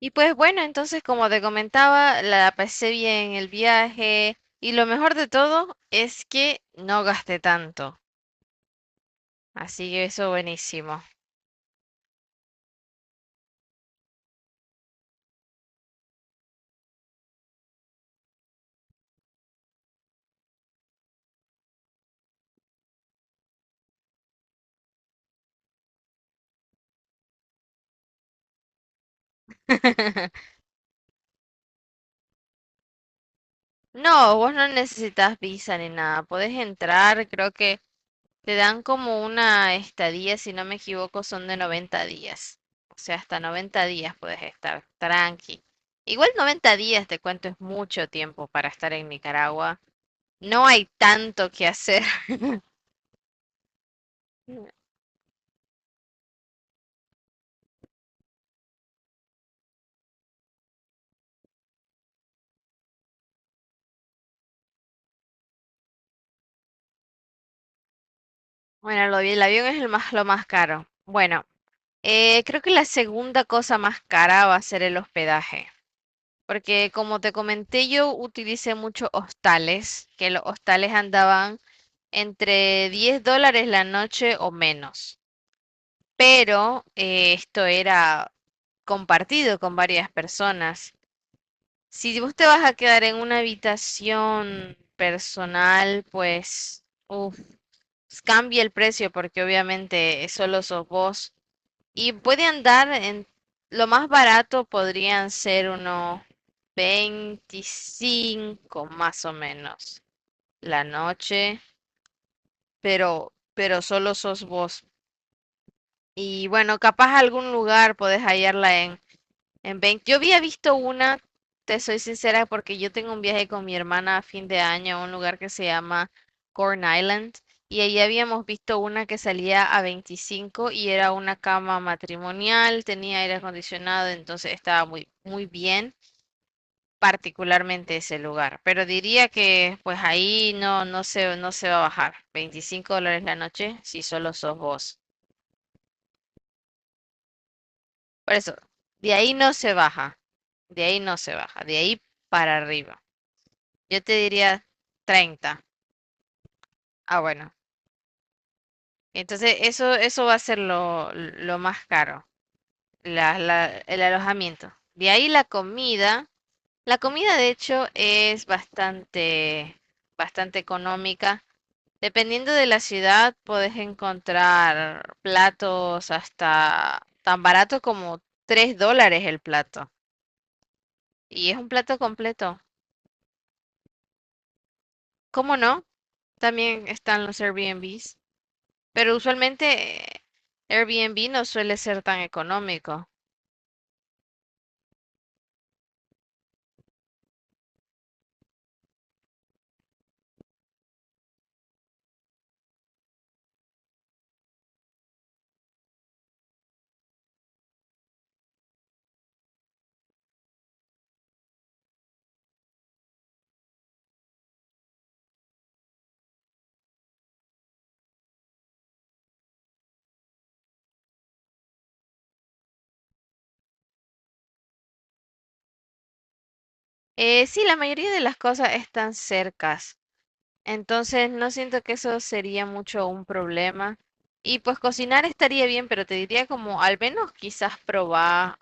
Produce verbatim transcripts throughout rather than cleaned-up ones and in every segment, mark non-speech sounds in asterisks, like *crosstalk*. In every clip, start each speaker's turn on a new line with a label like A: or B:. A: Y pues bueno, entonces como te comentaba, la pasé bien el viaje y lo mejor de todo es que no gasté tanto. Así que eso buenísimo. *laughs* No, vos no necesitas visa ni nada. Podés entrar, creo que te dan como una estadía, si no me equivoco, son de noventa días. O sea, hasta noventa días puedes estar tranqui. Igual noventa días, te cuento, es mucho tiempo para estar en Nicaragua. No hay tanto que hacer. *laughs* Bueno, lo vi- el avión es el más, lo más caro. Bueno, eh, creo que la segunda cosa más cara va a ser el hospedaje, porque como te comenté, yo utilicé muchos hostales, que los hostales andaban entre diez dólares la noche o menos, pero eh, esto era compartido con varias personas. Si vos te vas a quedar en una habitación personal, pues uf, cambia el precio porque obviamente solo sos vos. Y puede andar en lo más barato podrían ser unos veinticinco más o menos la noche, pero pero solo sos vos. Y bueno, capaz algún lugar podés hallarla en en veinte. Yo había visto una, te soy sincera, porque yo tengo un viaje con mi hermana a fin de año a un lugar que se llama Corn Island y ahí habíamos visto una que salía a veinticinco y era una cama matrimonial, tenía aire acondicionado, entonces estaba muy muy bien, particularmente ese lugar. Pero diría que pues ahí no no se no se va a bajar. Veinticinco dólares la noche si solo sos vos. Por eso, de ahí no se baja, de ahí no se baja, de ahí para arriba. Yo te diría treinta. Ah, bueno. Entonces, eso, eso va a ser lo, lo más caro, la- la- el alojamiento. De ahí la comida. La comida, de hecho, es bastante, bastante económica. Dependiendo de la ciudad, puedes encontrar platos hasta tan barato como tres dólares el plato. Y es un plato completo. ¿Cómo no? También están los Airbnbs. Pero usualmente eh, Airbnb no suele ser tan económico. Eh, sí, la mayoría de las cosas están cercas, entonces no siento que eso sería mucho un problema. Y pues cocinar estaría bien, pero te diría como al menos quizás probar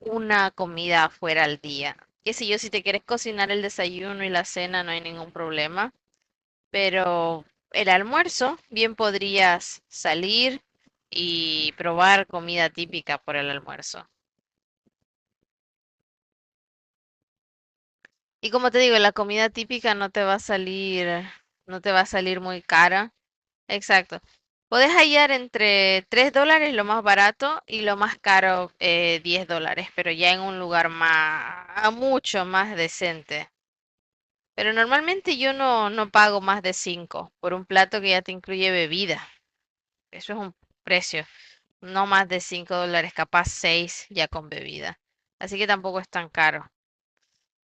A: una comida afuera al día. Qué sé yo, si te quieres cocinar el desayuno y la cena no hay ningún problema, pero el almuerzo bien podrías salir y probar comida típica por el almuerzo. Y como te digo, la comida típica no te va a salir, no te va a salir muy cara. Exacto. Puedes hallar entre tres dólares lo más barato y lo más caro eh, diez dólares, pero ya en un lugar más, mucho más decente. Pero normalmente yo no, no pago más de cinco por un plato que ya te incluye bebida. Eso es un precio, no más de cinco dólares, capaz seis ya con bebida. Así que tampoco es tan caro.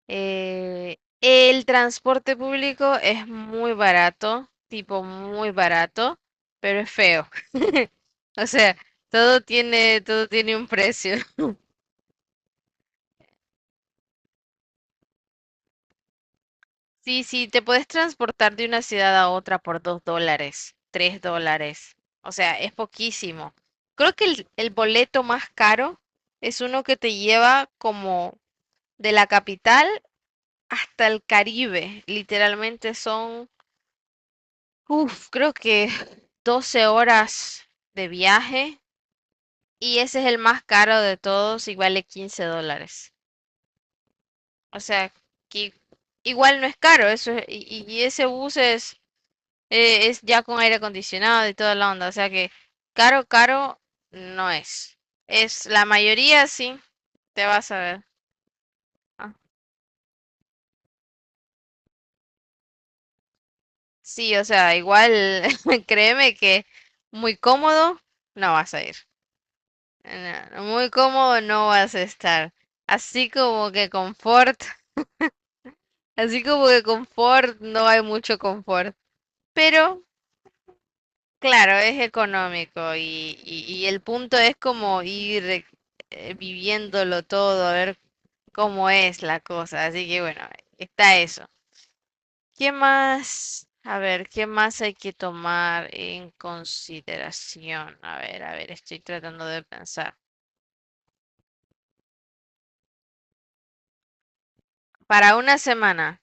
A: Eh, el transporte público es muy barato, tipo muy barato, pero es feo. *laughs* O sea, todo tiene, todo tiene un precio. *laughs* Sí, sí, te puedes transportar de una ciudad a otra por dos dólares, tres dólares. O sea, es poquísimo. Creo que el, el boleto más caro es uno que te lleva como de la capital hasta el Caribe. Literalmente son Uf, creo que doce horas de viaje y ese es el más caro de todos y vale quince dólares. O sea, que igual no es caro, eso es- y, y ese bus es, eh, es ya con aire acondicionado y toda la onda, o sea que caro, caro no es. Es la mayoría sí, te vas a ver. Ah, sí, o sea, igual *laughs* créeme que muy cómodo no vas a ir. No, muy cómodo no vas a estar. Así como que confort, *laughs* así como que confort, no hay mucho confort. Pero, claro, es económico y, y, y el punto es como ir eh, viviéndolo todo, a ver cómo es la cosa. Así que bueno, está eso. ¿Qué más? A ver, ¿qué más hay que tomar en consideración? A ver, a ver, estoy tratando de pensar. Para una semana.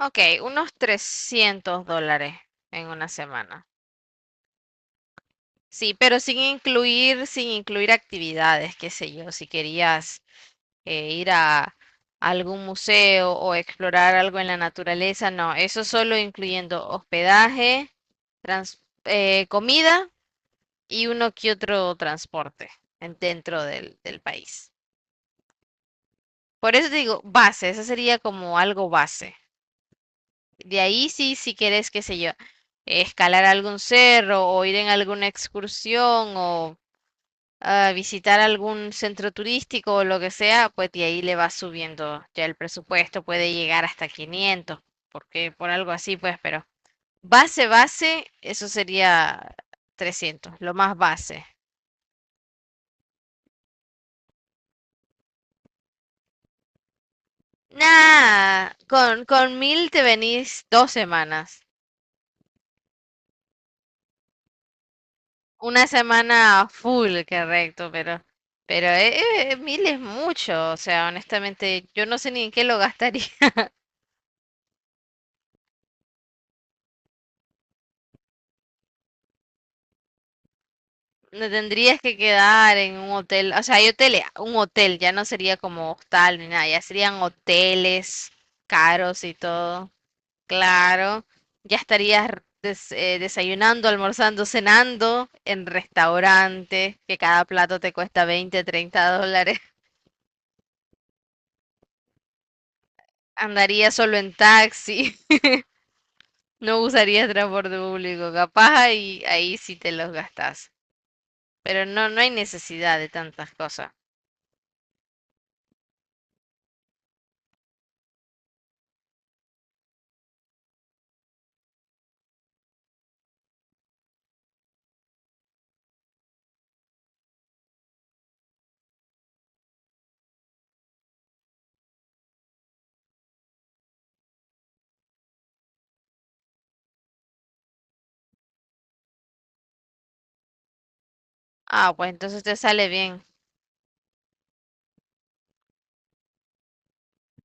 A: Ok, unos trescientos dólares en una semana. Sí, pero sin incluir, sin incluir actividades, qué sé yo, si querías eh, ir a algún museo o explorar algo en la naturaleza, no, eso solo incluyendo hospedaje, trans- eh, comida y uno que otro transporte en- dentro del, del país. Por eso te digo, base, eso sería como algo base. De ahí sí, si quieres, qué sé yo, escalar algún cerro o ir en alguna excursión o ah, visitar algún centro turístico o lo que sea, pues de ahí le va subiendo ya el presupuesto, puede llegar hasta quinientos porque por algo así, pues, pero base, base, eso sería trescientos lo más base. Nah, con, con mil te venís dos semanas. Una semana full, correcto, pero, pero eh, eh, mil es mucho, o sea, honestamente, yo no sé ni en qué lo gastaría. *laughs* No tendrías que quedar en un hotel, o sea, hay hoteles, un hotel, ya no sería como hostal ni nada, ya serían hoteles caros y todo, claro. Ya estarías des- eh, desayunando, almorzando, cenando en restaurantes, que cada plato te cuesta veinte treinta dólares. *laughs* Andarías solo en taxi. No usarías transporte público, capaz ahí, ahí sí te los gastás. Pero no, no hay necesidad de tantas cosas. Ah, pues entonces te sale bien.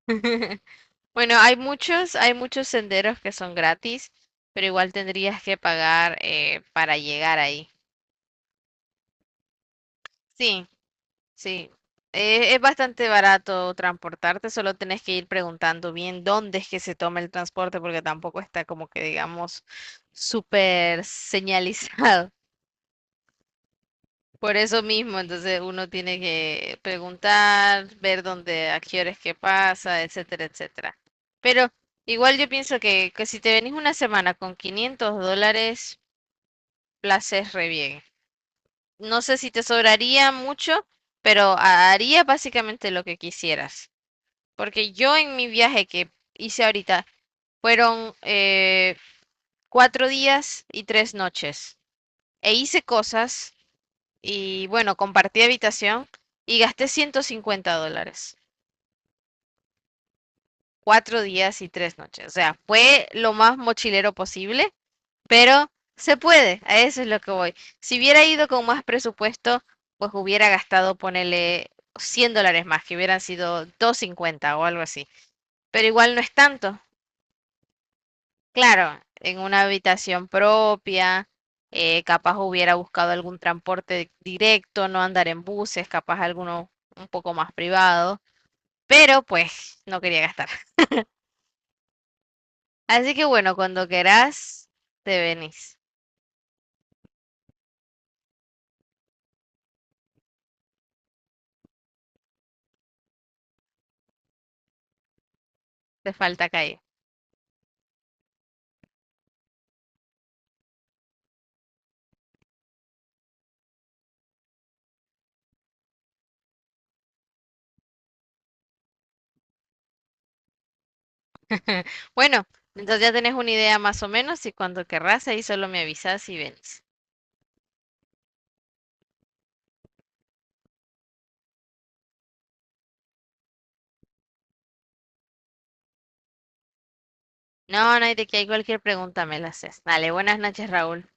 A: *laughs* Bueno, hay muchos, hay muchos senderos que son gratis, pero igual tendrías que pagar eh, para llegar ahí. Sí, sí. Eh, es bastante barato transportarte, solo tenés que ir preguntando bien dónde es que se toma el transporte, porque tampoco está como que digamos súper señalizado. Por eso mismo, entonces uno tiene que preguntar, ver dónde, a qué horas que pasa, etcétera, etcétera. Pero igual yo pienso que, que, si te venís una semana con quinientos dólares, la haces re bien. No sé si te sobraría mucho, pero haría básicamente lo que quisieras. Porque yo en mi viaje que hice ahorita fueron eh, cuatro días y tres noches. E hice cosas. Y bueno, compartí habitación y gasté ciento cincuenta dólares. Cuatro días y tres noches. O sea, fue lo más mochilero posible, pero se puede. A eso es lo que voy. Si hubiera ido con más presupuesto, pues hubiera gastado, ponele cien dólares más, que hubieran sido doscientos cincuenta o algo así. Pero igual no es tanto. Claro, en una habitación propia, eh, capaz hubiera buscado algún transporte directo, no andar en buses, capaz alguno un poco más privado. Pero pues no quería gastar. Así que bueno, cuando querás, te venís. Te falta calle. *laughs* Bueno, entonces ya tenés una idea más o menos y cuando querrás ahí solo me avisas y venís. No, no hay de qué, hay cualquier pregunta me la haces. Dale, buenas noches, Raúl.